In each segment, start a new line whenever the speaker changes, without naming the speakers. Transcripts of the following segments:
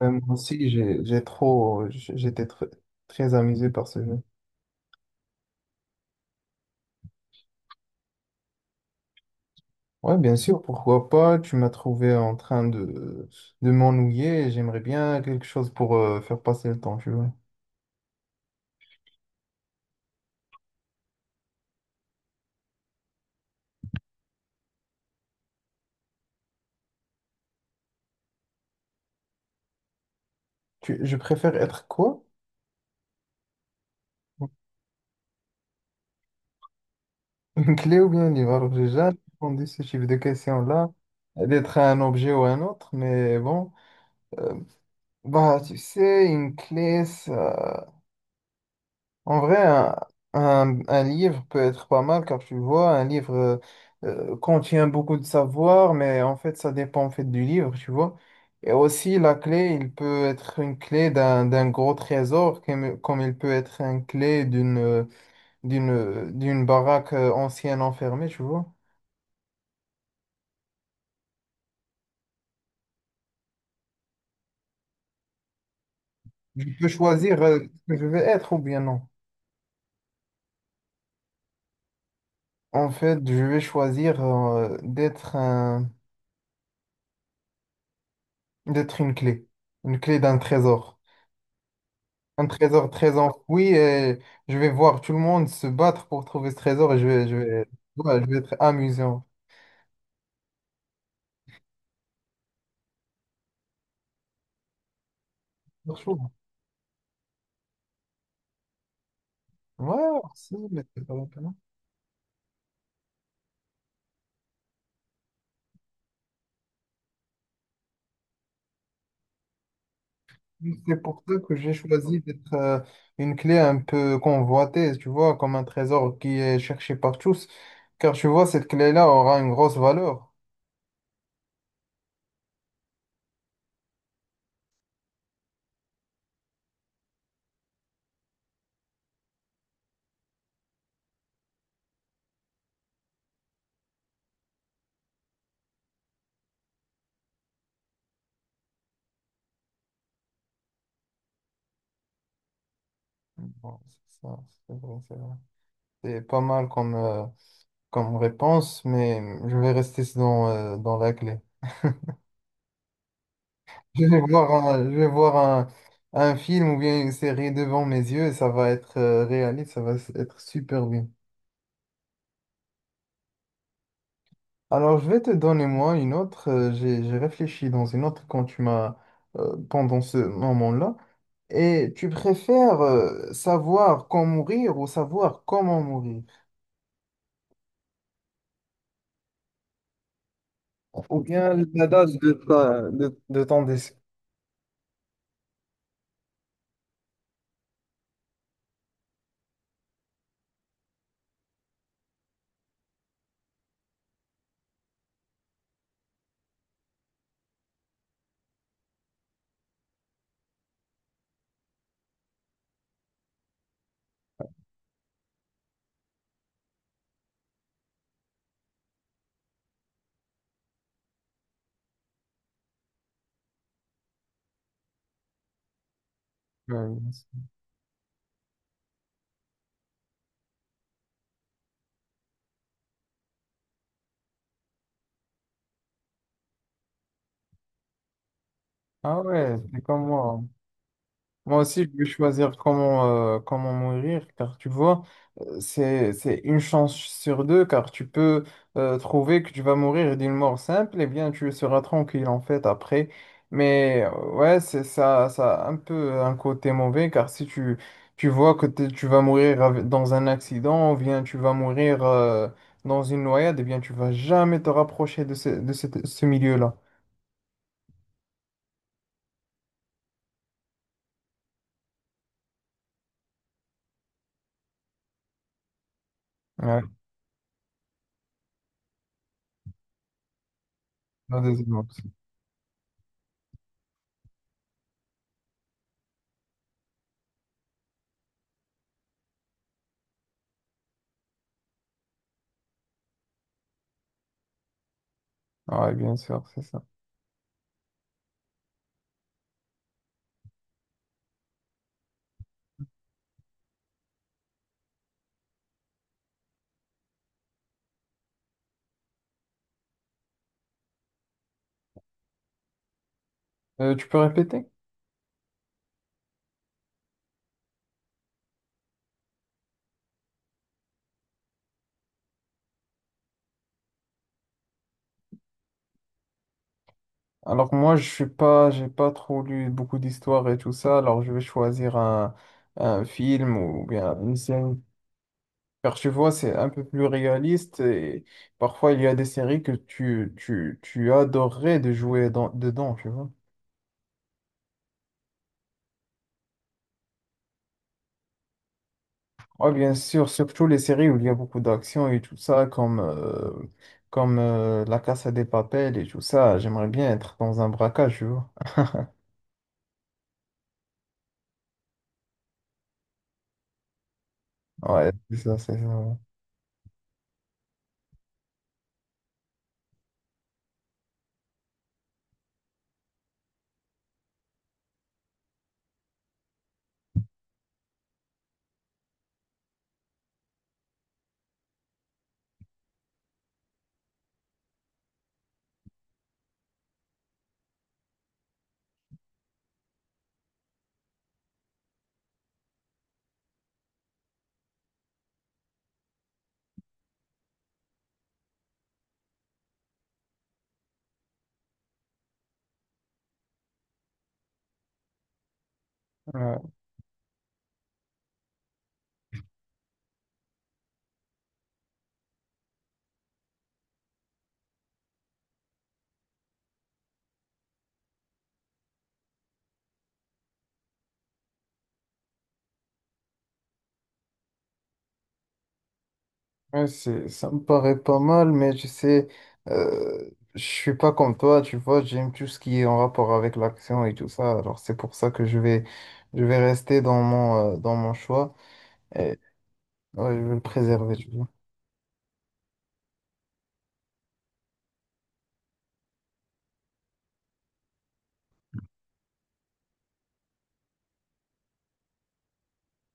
Ouais, moi aussi, j'ai trop, j'étais tr- très amusé par ce jeu. Ouais, bien sûr, pourquoi pas. Tu m'as trouvé en train de m'ennuyer. J'aimerais bien quelque chose pour faire passer le temps, tu vois. Je préfère être quoi? Une clé ou bien un livre? Alors, j'ai jamais répondu ce type de question-là, d'être un objet ou un autre, mais bon. Euh, Bah, tu sais, une clé, ça. En vrai, un livre peut être pas mal car tu vois, un livre contient beaucoup de savoir, mais en fait, ça dépend en fait du livre, tu vois. Et aussi, la clé, il peut être une clé d'un gros trésor, comme il peut être une clé d'une baraque ancienne enfermée, tu vois. Je peux choisir ce que je vais être ou bien non. En fait, je vais choisir d'être une clé d'un trésor. Un trésor très enfoui et je vais voir tout le monde se battre pour trouver ce trésor et ouais, je vais être amusant. Franchement, ouais, merci, mais c'est pas la peine. Oui, c'est pour ça que j'ai choisi d'être une clé un peu convoitée, tu vois, comme un trésor qui est cherché par tous. Car tu vois, cette clé-là aura une grosse valeur. Bon, c'est ça, c'est vrai, c'est vrai. C'est pas mal comme réponse, mais je vais rester dans la clé. Je vais voir un film ou bien une série devant mes yeux et ça va être réaliste, ça va être super bien. Alors, je vais te donner moi une autre. J'ai réfléchi dans une autre quand tu m'as pendant ce moment-là. Et tu préfères savoir quand mourir ou savoir comment mourir? Ou bien la date de ton décès. Ouais. Ah ouais, c'est comme moi. Moi aussi, je vais choisir comment mourir, car tu vois, c'est une chance sur deux, car tu peux trouver que tu vas mourir d'une mort simple, et bien tu seras tranquille en fait après. Mais ouais, c'est ça, ça a un peu un côté mauvais, car si tu, tu vois que tu vas mourir dans un accident, ou bien tu vas mourir dans une noyade, et bien tu vas jamais te rapprocher de ce milieu-là. Ouais, la deuxième option. Ouais, bien sûr, c'est ça. Tu peux répéter? Alors que moi, je suis pas, j'ai pas trop lu beaucoup d'histoires et tout ça, alors je vais choisir un film ou bien une série. Car tu vois, c'est un peu plus réaliste et parfois il y a des séries que tu adorerais de jouer dedans, tu vois. Oui, bien sûr, surtout les séries où il y a beaucoup d'action et tout ça, comme La Casa des Papel et tout ça, j'aimerais bien être dans un braquage, tu vois. Ouais, c'est ça, c'est ça. Ouais. Ouais, c'est, ça me paraît pas mal, mais tu sais, je suis pas comme toi, tu vois, j'aime tout ce qui est en rapport avec l'action et tout ça. Alors c'est pour ça que je vais rester dans dans mon choix et ouais, je vais le préserver, tu vois.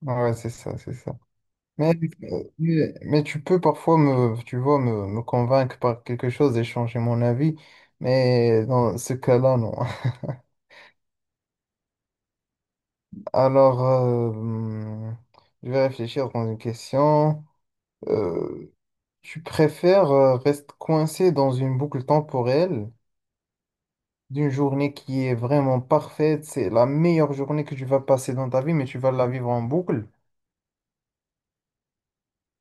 Ah ouais, c'est ça, c'est ça. Mais, mais tu peux parfois me, tu vois, me convaincre par quelque chose et changer mon avis, mais dans ce cas-là, non. Alors, je vais réfléchir dans une question. Euh, Tu préfères rester coincé dans une boucle temporelle d'une journée qui est vraiment parfaite, c'est la meilleure journée que tu vas passer dans ta vie, mais tu vas la vivre en boucle,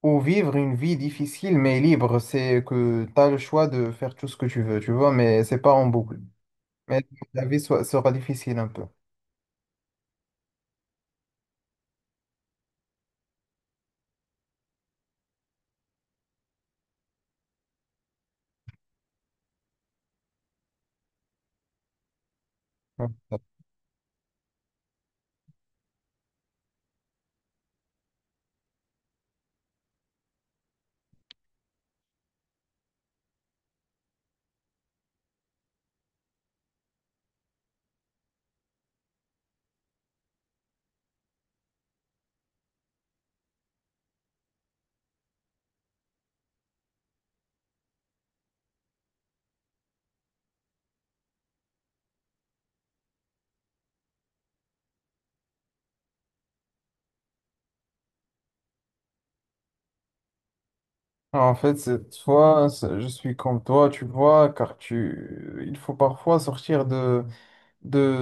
ou vivre une vie difficile mais libre, c'est que tu as le choix de faire tout ce que tu veux, tu vois, mais c'est pas en boucle. Mais sera difficile un peu. Ouais. En fait, cette fois, je suis comme toi, tu vois, car tu, il faut parfois sortir de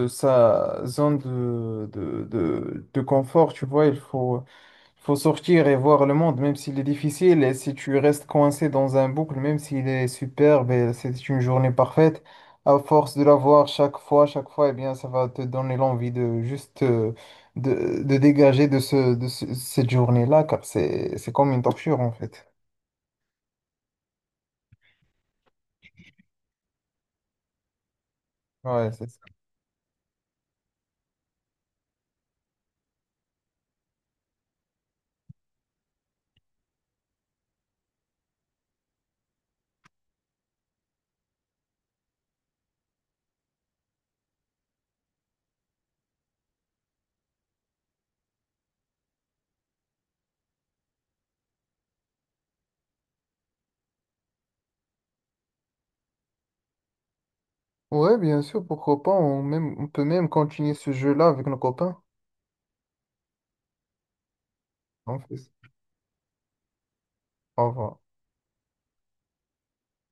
sa zone de confort, tu vois, il faut sortir et voir le monde, même s'il est difficile, et si tu restes coincé dans un boucle, même s'il est superbe et c'est une journée parfaite, à force de la voir chaque fois, eh bien, ça va te donner l'envie de juste de dégager de cette journée-là, car c'est comme une torture, en fait. Ouais, c'est ça. Ouais, bien sûr, pourquoi pas, on, même, on peut même continuer ce jeu-là avec nos copains. En fait. Au revoir.